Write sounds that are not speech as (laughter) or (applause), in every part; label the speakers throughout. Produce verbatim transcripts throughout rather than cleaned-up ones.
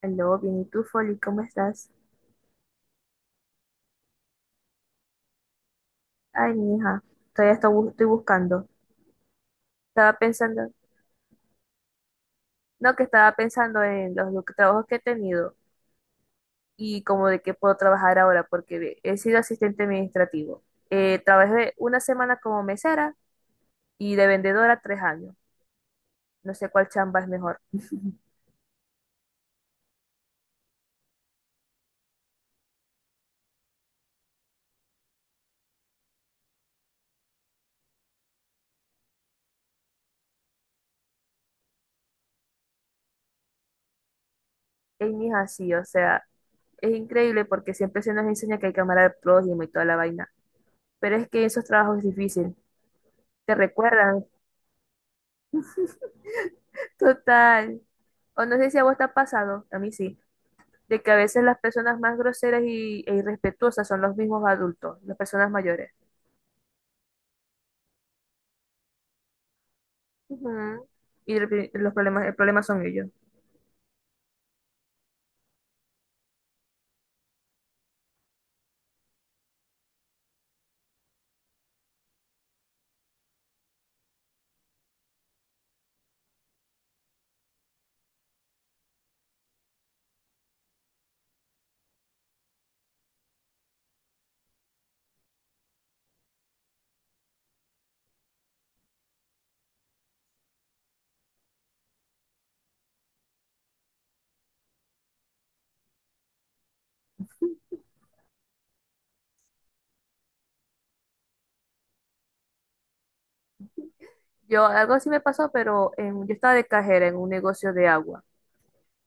Speaker 1: Aló, bien, ¿y tú, Folly? ¿Cómo estás? Ay, mi hija, todavía estoy, bu- estoy buscando. Estaba pensando, no, que estaba pensando en los, lu- trabajos que he tenido y como de qué puedo trabajar ahora, porque ve, he sido asistente administrativo. Eh, trabajé una semana como mesera y de vendedora tres años. No sé cuál chamba es mejor. Ay, mi hija, sí, o sea, es increíble porque siempre se nos enseña que hay que amar al prójimo y toda la vaina. Pero es que esos trabajos es difícil. Te recuerdan. Total. O no sé si a vos te ha pasado, a mí sí, de que a veces las personas más groseras y, e irrespetuosas son los mismos adultos, las personas mayores. Ujú. Y el, pri- los problemas, el problema son ellos. Yo, algo así me pasó, pero en- yo estaba de cajera en un negocio de agua.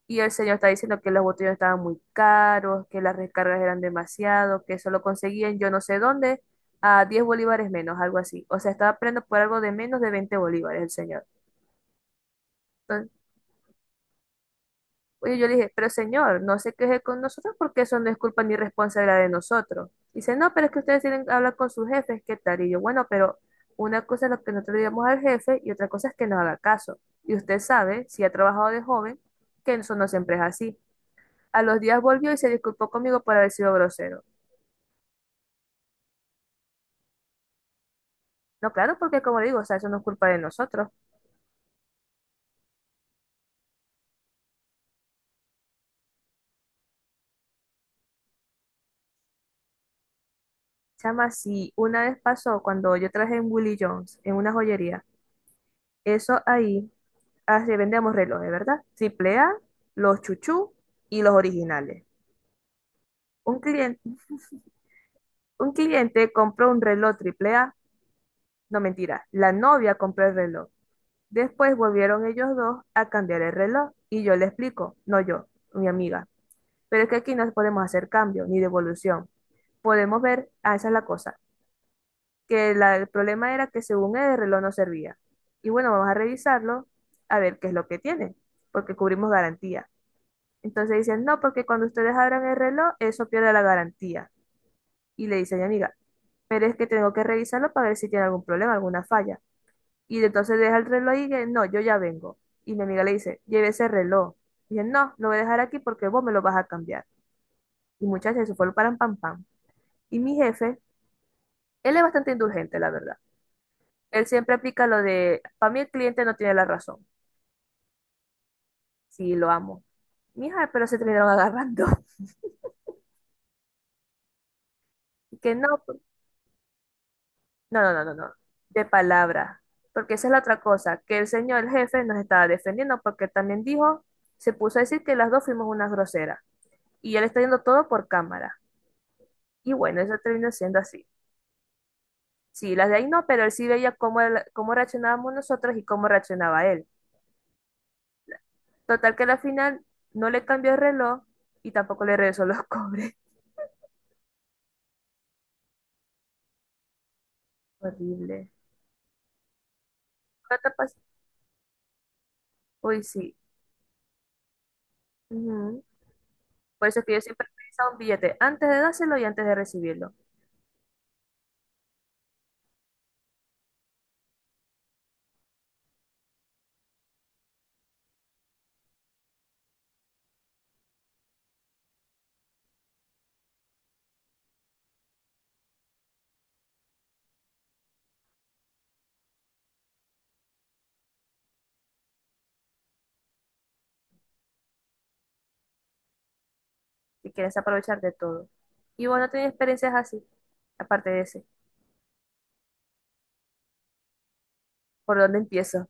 Speaker 1: Y el señor está diciendo que los botellos estaban muy caros, que las recargas eran demasiado, que eso lo conseguían yo no sé dónde, a diez bolívares menos, algo así. O sea, estaba aprendiendo por algo de menos de veinte bolívares el señor. Oye, yo le dije, pero señor, no se queje con nosotros porque eso no es culpa ni responsabilidad de nosotros. Dice, no, pero es que ustedes tienen que hablar con sus jefes, ¿qué tal? Y yo, bueno, pero una cosa es lo que nosotros digamos al jefe y otra cosa es que nos haga caso. Y usted sabe, si ha trabajado de joven, que eso no siempre es así. A los días volvió y se disculpó conmigo por haber sido grosero. No, claro, porque como le digo, o sea, eso no es culpa de nosotros. Chama, si una vez pasó cuando yo traje en Willie Jones, en una joyería, eso ahí así vendemos relojes, ¿verdad? Triple A, los chuchú y los originales. Un cliente, un cliente compró un reloj triple A, no mentira, la novia compró el reloj. Después volvieron ellos dos a cambiar el reloj y yo le explico, no yo, mi amiga, pero es que aquí no podemos hacer cambio ni devolución. Podemos ver, ah, esa es la cosa, que la- el problema era que según él el reloj no servía. Y bueno, vamos a revisarlo a ver qué es lo que tiene, porque cubrimos garantía. Entonces dicen, no, porque cuando ustedes abran el reloj, eso pierde la garantía. Y le dice a mi amiga, pero es que tengo que revisarlo para ver si tiene algún problema, alguna falla. Y entonces deja el reloj y que, no, yo ya vengo. Y mi amiga le dice, lleve ese reloj. Y dice, no, lo voy a dejar aquí porque vos me lo vas a cambiar. Y muchachos, eso fue lo paran pam pam. Y mi jefe, él es bastante indulgente, la verdad. Él siempre aplica lo de, para mí el cliente no tiene la razón. Sí, lo amo. Mija, pero se terminaron agarrando. (laughs) Que no. No, no, no, no, no. De palabra. Porque esa es la otra cosa, que el señor, el jefe, nos estaba defendiendo porque también dijo, se puso a decir que las dos fuimos unas groseras. Y él está viendo todo por cámara. Y bueno, eso terminó siendo así. Sí, las de ahí no, pero él sí veía cómo, él- cómo reaccionábamos nosotros y cómo reaccionaba él. Total que a la final no le cambió el reloj y tampoco le regresó los cobres. (laughs) Horrible. ¿Qué te pas- Uy, sí. Ujú. Por eso es que yo siempre he utilizado un billete antes de dárselo y antes de recibirlo. Y quieres aprovechar de todo. Y vos no tenés experiencias así, aparte de ese. ¿Por dónde empiezo?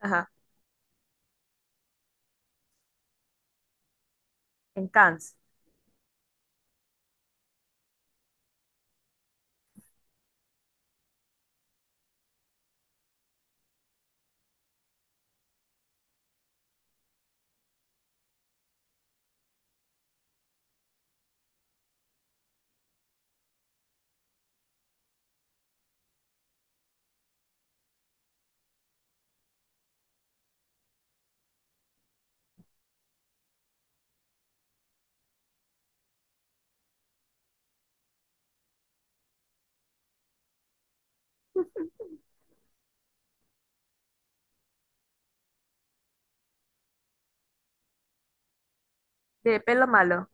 Speaker 1: Ajá, en Cannes, de pelo malo.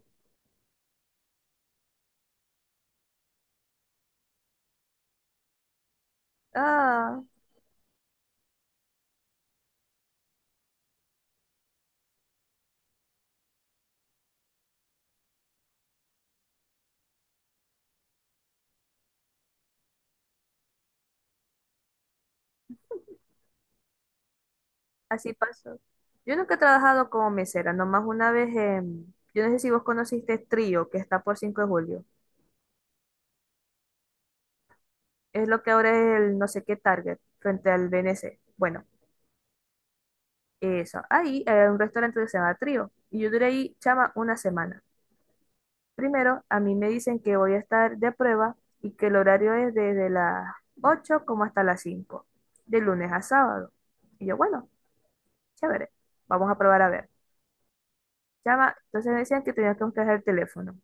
Speaker 1: Ah, así pasó. Yo nunca he trabajado como mesera, nomás una vez en... Yo no sé si vos conociste Trío, que está por cinco de julio. Es lo que ahora es el no sé qué Target, frente al B N C. Bueno, eso. Ahí era un restaurante que se llama Trío. Y yo duré ahí, chama, una semana. Primero, a mí me dicen que voy a estar de prueba y que el horario es desde las ocho como hasta las cinco, de lunes a sábado. Y yo, bueno, chévere, vamos a probar a ver. Llama, entonces me decían que tenía que buscar el teléfono,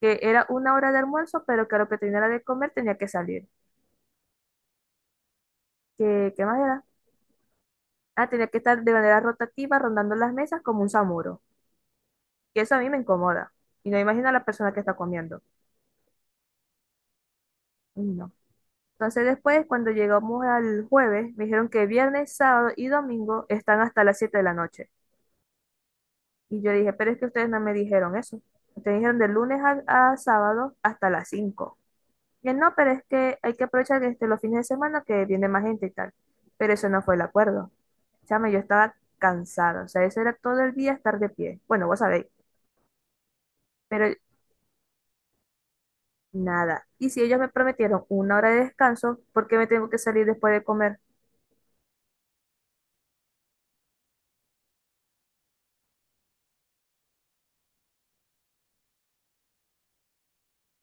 Speaker 1: que era una hora de almuerzo, pero que a lo que tenía era de comer tenía que salir. ¿Qué, qué más era? Ah, tenía que estar de manera rotativa rondando las mesas como un samuro. Y eso a mí me incomoda. Y no imagino a la persona que está comiendo. No. Entonces después, cuando llegamos al jueves, me dijeron que viernes, sábado y domingo están hasta las siete de la noche. Y yo dije, pero es que ustedes no me dijeron eso. Ustedes dijeron de lunes a, a sábado hasta las cinco. Y él, no, pero es que hay que aprovechar este, los fines de semana que viene más gente y tal. Pero eso no fue el acuerdo. Chama, yo estaba cansada. O sea, eso era todo el día estar de pie. Bueno, vos sabéis, pero nada. Y si ellos me prometieron una hora de descanso, ¿por qué me tengo que salir después de comer?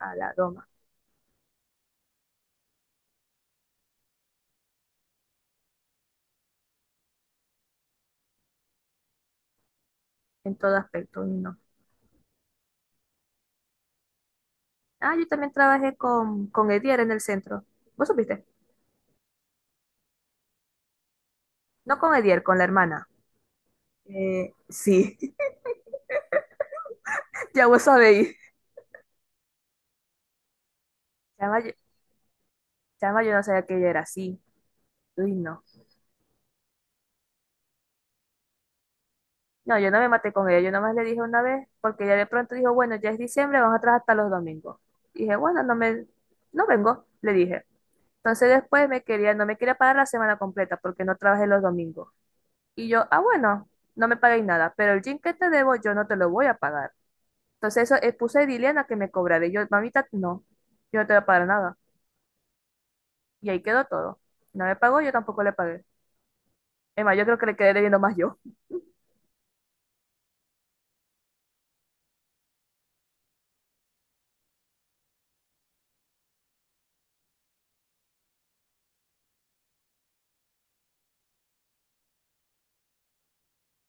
Speaker 1: A la doma, en todo aspecto, y no. Ah, yo también trabajé con, con Edier en el centro. ¿Vos supiste? No con Edier, con la hermana. Eh, sí. (laughs) Ya vos sabéis. Chama, yo- chama, yo no sabía que ella era así. Uy, no. No, yo no me maté con ella, yo nomás le dije una vez, porque ella de pronto dijo, bueno, ya es diciembre, vamos a trabajar hasta los domingos. Dije, bueno, no me, no vengo, le dije. Entonces después me quería, no me quería pagar la semana completa porque no trabajé los domingos. Y yo, ah, bueno, no me paguéis nada, pero el gym que te debo yo no te lo voy a pagar. Entonces eso, eh, puse dile a Diliana que me cobrara. Y yo, mamita, no, yo no te voy a pagar nada. Y ahí quedó todo. Si No me pagó, yo tampoco le pagué. Es más, yo creo que le quedé debiendo más yo. (laughs)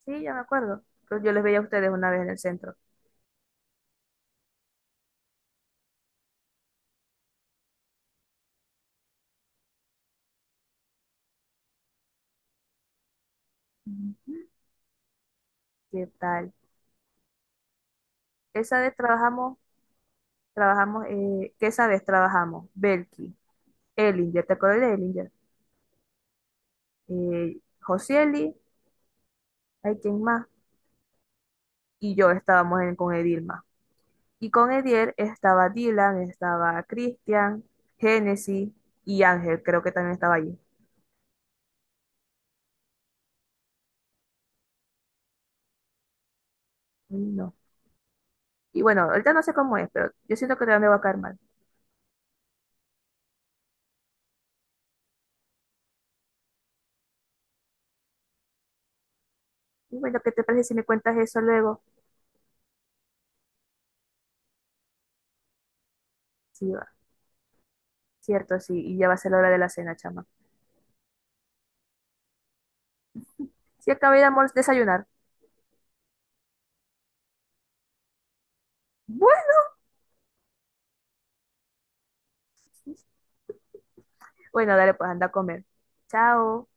Speaker 1: Sí, ya me acuerdo. Pero yo les veía a ustedes una vez en el centro. Ujú. ¿Qué tal? Esa vez trabajamos, trabajamos, eh, ¿qué esa vez trabajamos? Belki, Elinger, ¿te acuerdas de Elinger? Eh, Josieli, ¿hay quién más? Y yo estábamos en- con Edilma. Y con Edier estaba Dylan, estaba Christian, Genesis y Ángel, creo que también estaba allí. Ay, no. Y bueno, ahorita no sé cómo es, pero yo siento que también me va a caer mal. Y bueno, ¿qué te parece si me cuentas eso luego? Sí, va. Cierto, sí. Y ya va a ser la hora de la cena, chama. Sí, acabé de almor- desayunar. Bueno, dale, pues anda a comer. Chao.